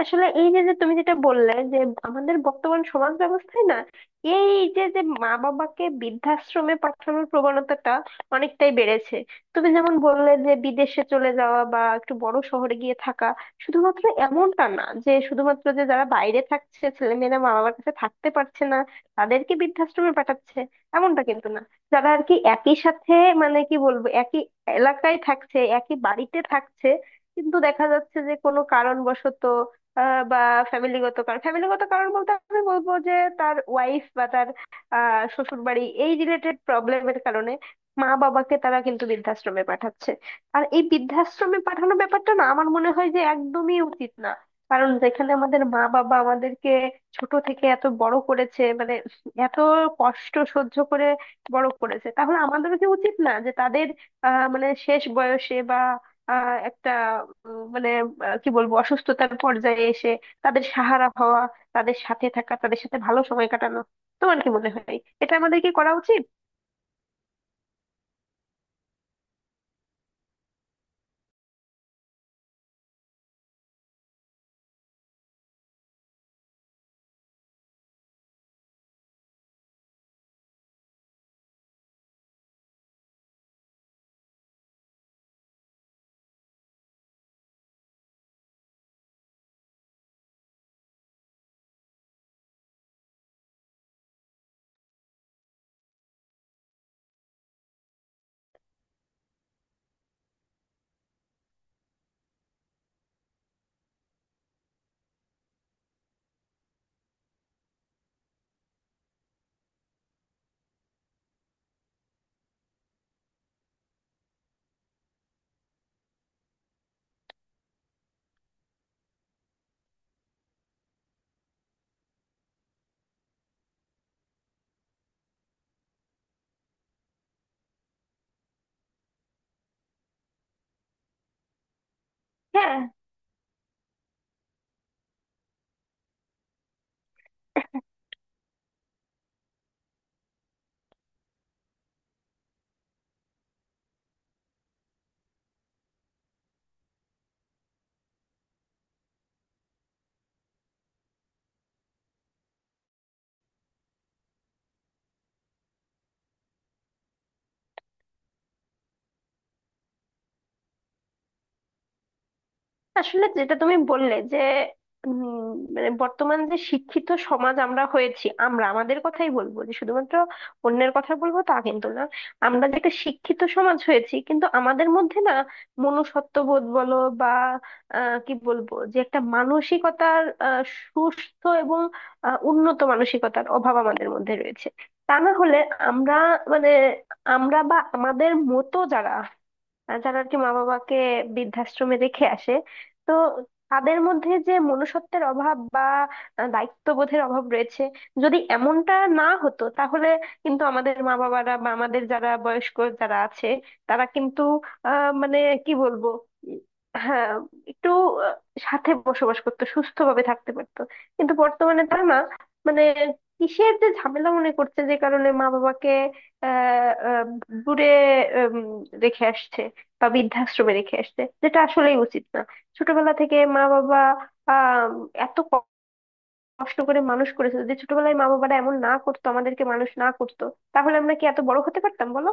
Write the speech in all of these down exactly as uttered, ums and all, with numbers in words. আসলে এই যে যে তুমি যেটা বললে যে আমাদের বর্তমান সমাজ ব্যবস্থায় না এই যে যে মা বাবাকে বৃদ্ধাশ্রমে পাঠানোর প্রবণতাটা অনেকটাই বেড়েছে। তুমি যেমন বললে যে বিদেশে চলে যাওয়া বা একটু বড় শহরে গিয়ে থাকা, শুধুমাত্র এমনটা না যে শুধুমাত্র যে যারা বাইরে থাকছে, ছেলে মেয়েরা মা বাবার কাছে থাকতে পারছে না, তাদেরকে বৃদ্ধাশ্রমে পাঠাচ্ছে, এমনটা কিন্তু না। যারা আর কি একই সাথে, মানে কি বলবো, একই এলাকায় থাকছে, একই বাড়িতে থাকছে, কিন্তু দেখা যাচ্ছে যে কোনো কারণবশত আহ, বা ফ্যামিলিগত কারণ, ফ্যামিলিগত কারণ বলতে আমি বলবো যে তার ওয়াইফ বা তার আহ শ্বশুর বাড়ি, এই রিলেটেড প্রবলেমের কারণে মা বাবাকে তারা কিন্তু বৃদ্ধাশ্রমে পাঠাচ্ছে। আর এই বৃদ্ধাশ্রমে পাঠানোর ব্যাপারটা না আমার মনে হয় যে একদমই উচিত না। কারণ যেখানে আমাদের মা বাবা আমাদেরকে ছোট থেকে এত বড় করেছে, মানে এত কষ্ট সহ্য করে বড় করেছে, তাহলে আমাদেরও কি উচিত না যে তাদের আহ মানে শেষ বয়সে বা আহ একটা উম, মানে আহ, কি বলবো, অসুস্থতার পর্যায়ে এসে তাদের সাহারা হওয়া, তাদের সাথে থাকা, তাদের সাথে ভালো সময় কাটানো? তোমার কি মনে হয় এটা আমাদের কি করা উচিত? হ্যাঁ, আসলে যেটা তুমি বললে যে উম, মানে বর্তমান যে শিক্ষিত সমাজ আমরা হয়েছি, আমরা আমাদের কথাই বলবো যে শুধুমাত্র অন্যের কথা বলবো তা কিন্তু না। আমরা যে একটা শিক্ষিত সমাজ হয়েছি কিন্তু আমাদের মধ্যে না মনুষ্যত্ববোধ বলো বা আহ, কি বলবো, যে একটা মানসিকতার আহ, সুস্থ এবং আহ, উন্নত মানসিকতার অভাব আমাদের মধ্যে রয়েছে। তা না হলে আমরা, মানে আমরা বা আমাদের মতো যারা আহ যারা আর কি মা বাবাকে বৃদ্ধাশ্রমে রেখে আসে, তো তাদের মধ্যে যে মনুষ্যত্বের অভাব বা আহ, দায়িত্ববোধের অভাব রয়েছে। যদি এমনটা না হতো তাহলে কিন্তু আমাদের মা বাবারা বা আমাদের যারা বয়স্ক যারা আছে, তারা কিন্তু আহ মানে কি বলবো, উম, হ্যাঁ, একটু আহ, সাথে বসবাস করতো, সুস্থভাবে থাকতে পারতো। কিন্তু বর্তমানে তারা না মানে কিসের যে ঝামেলা মনে করছে যে কারণে মা বাবাকে আহ আহ দূরে উম, রেখে আসছে বা বৃদ্ধাশ্রমে রেখে আসছে, যেটা আসলেই উচিত না। ছোটবেলা থেকে মা বাবা আহ এত ক- কষ্ট করে মানুষ করেছে, যদি ছোটবেলায় মা বাবারা এমন না করতো, আমাদেরকে মানুষ না করতো, তাহলে আমরা কি এত বড় হতে পারতাম বলো?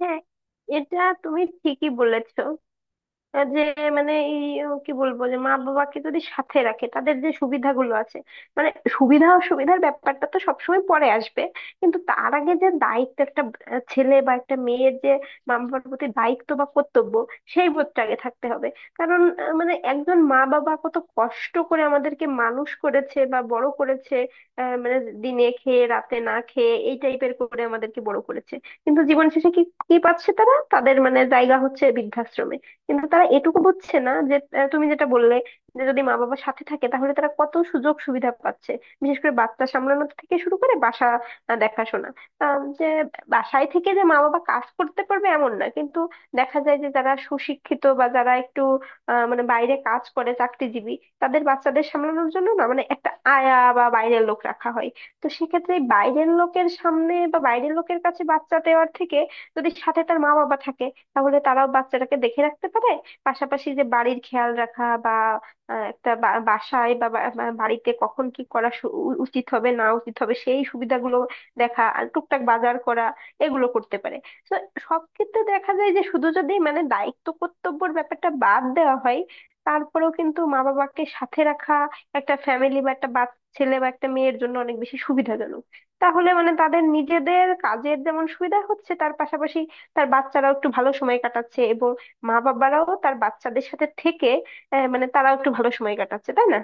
হ্যাঁ, এটা তুমি ঠিকই বলেছো। আহ যে মানে এই উম কি বলবো, যে মা বাবাকে যদি সাথে রাখে তাদের যে সুবিধাগুলো আছে, মানে সুবিধা অসুবিধার ব্যাপারটা তো সবসময় পরে আসবে, কিন্তু তার আগে যে দায়িত্ব, একটা আহ, ছেলে বা একটা মেয়ের যে মা বাবার প্রতি দায়িত্ব বা কর্তব্য, সেই বোধটা আগে থাকতে হবে। কারণ আহ, মানে একজন মা বাবা কত কষ্ট করে আমাদেরকে মানুষ করেছে বা বড় করেছে, আহ, মানে দিনে খেয়ে রাতে না খেয়ে এই টাইপের করে আমাদেরকে বড় করেছে। কিন্তু জীবন শেষে কি কি পাচ্ছে তারা? তাদের মানে জায়গা হচ্ছে বৃদ্ধাশ্রমে। কিন্তু তারা এটুকু বুঝছে না যে আহ, তুমি যেটা বললে যে যদি মা বাবা সাথে থাকে তাহলে তারা কত সুযোগ সুবিধা পাচ্ছে। বিশেষ করে বাচ্চা সামলানো থেকে শুরু করে বাসা আহ, দেখাশোনা, আম, যে বাসায় থেকে যে মা বাবা কাজ করতে পারবে এমন না, কিন্তু দেখা যায় যে যারা সুশিক্ষিত বা যারা একটু আহ, মানে বাইরে কাজ করে চাকরিজীবী, তাদের বাচ্চাদের সামলানোর জন্য না মানে একটা আয়া বা বাইরের লোক রাখা হয়। তো সেক্ষেত্রে এই বাইরের লোকের সামনে বা বাইরের লোকের কাছে বাচ্চা দেওয়ার থেকে যদি সাথে তার মা বাবা থাকে, তাহলে তারাও বাচ্চাটাকে দেখে রাখতে পারে। পাশাপাশি যে বাড়ির খেয়াল রাখা বা আহ, একটা বা- বাসায় বা বা- বা বাড়িতে কখন কি করা সু- উ- উচিত হবে না উচিত হবে, সেই সুবিধাগুলো দেখা, আর টুকটাক বাজার করা, এগুলো করতে পারে। তো সব ক্ষেত্রে দেখা যায় যে শুধু যদি মানে দায়িত্ব কর্তব্যের ব্যাপারটা বাদ দেওয়া হয়, তারপরেও কিন্তু মা বাবাকে সাথে রাখা একটা ফ্যামিলি বা একটা বাচ্চা ছেলে বা একটা মেয়ের জন্য অনেক বেশি সুবিধাজনক। তাহলে মানে তাদের নিজেদের কাজের যেমন সুবিধা হচ্ছে, তার পাশাপাশি তার বাচ্চারাও একটু ভালো সময় কাটাচ্ছে এবং মা বাবারাও তার বাচ্চাদের সাথে থেকে আহ, মানে তারাও একটু ভালো সময় কাটাচ্ছে, তাই না?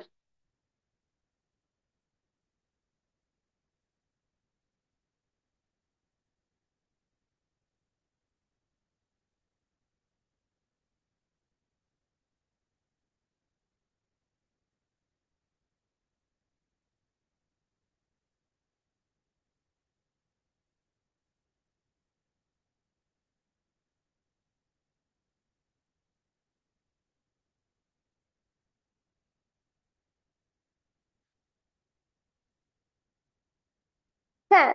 হ্যাঁ,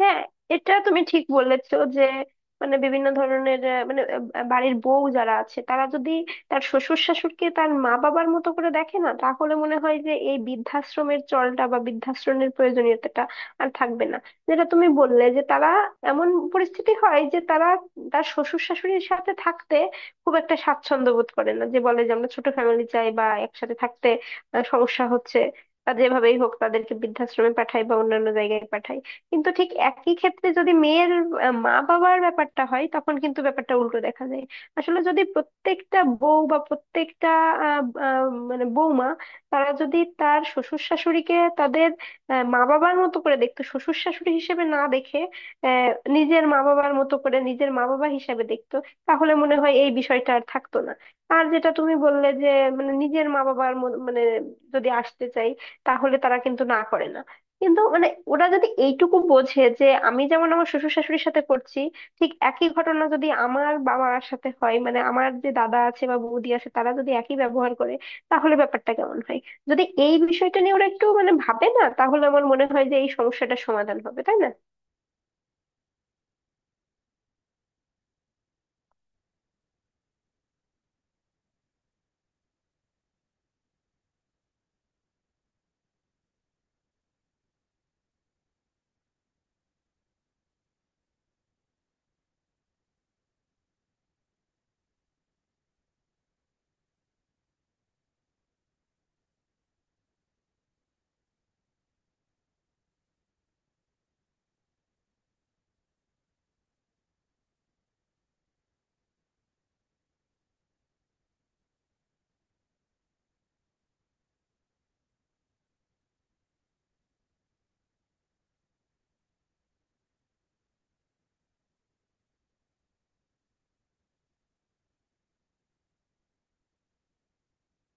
হ্যাঁ, এটা তুমি ঠিক বলেছো যে মানে বিভিন্ন ধরনের আহ, মানে আহ, বাড়ির বউ যারা আছে, তারা যদি তার শ্বশুর শাশুড়িকে তার মা বাবার মতো করে দেখে, না তাহলে মনে হয় যে এই বৃদ্ধাশ্রমের চলটা বা বৃদ্ধাশ্রমের প্রয়োজনীয়তাটা আর থাকবে না। যেটা তুমি বললে যে তারা এমন পরিস্থিতি হয় যে তারা তার শ্বশুর শাশুড়ির সাথে থাকতে খুব একটা স্বাচ্ছন্দ্য বোধ করে না, যে বলে যে আমরা ছোট ফ্যামিলি চাই বা একসাথে থাকতে আহ, সমস্যা হচ্ছে, তা যেভাবেই হোক তাদেরকে বৃদ্ধাশ্রমে পাঠাই বা অন্যান্য জায়গায় পাঠাই। কিন্তু ঠিক একই ক্ষেত্রে যদি মেয়ের আহ, মা বাবার ব্যাপারটা হয় তখন কিন্তু ব্যাপারটা উল্টো দেখা যায়। আসলে যদি প্রত্যেকটা বউ বা প্রত্যেকটা আহ, আহ, মানে বৌমা, তারা যদি তার শ্বশুর শাশুড়িকে তাদের আহ, মা বাবার মতো করে দেখতো, শ্বশুর শাশুড়ি হিসেবে না দেখে আহ, নিজের মা বাবার মতো করে নিজের মা বাবা হিসেবে দেখতো, তাহলে মনে হয় এই বিষয়টা আর থাকতো না। আর যেটা তুমি বললে যে মানে নিজের মা বাবার মত- মানে যদি আসতে চাই, তাহলে তারা কিন্তু না করে না। কিন্তু মানে ওরা যদি এইটুকু বোঝে যে আমি যেমন আমার শ্বশুর শাশুড়ির সাথে করছি, ঠিক একই ঘটনা যদি আমার বাবার সাথে হয়, মানে আমার যে দাদা আছে বা বৌদি আছে তারা যদি একই ব্যবহার করে, তাহলে ব্যাপারটা কেমন হয়? যদি এই বিষয়টা নিয়ে ওরা একটু মানে ভাবে, না তাহলে আমার মনে হয় যে এই সমস্যাটার সমাধান হবে, তাই না?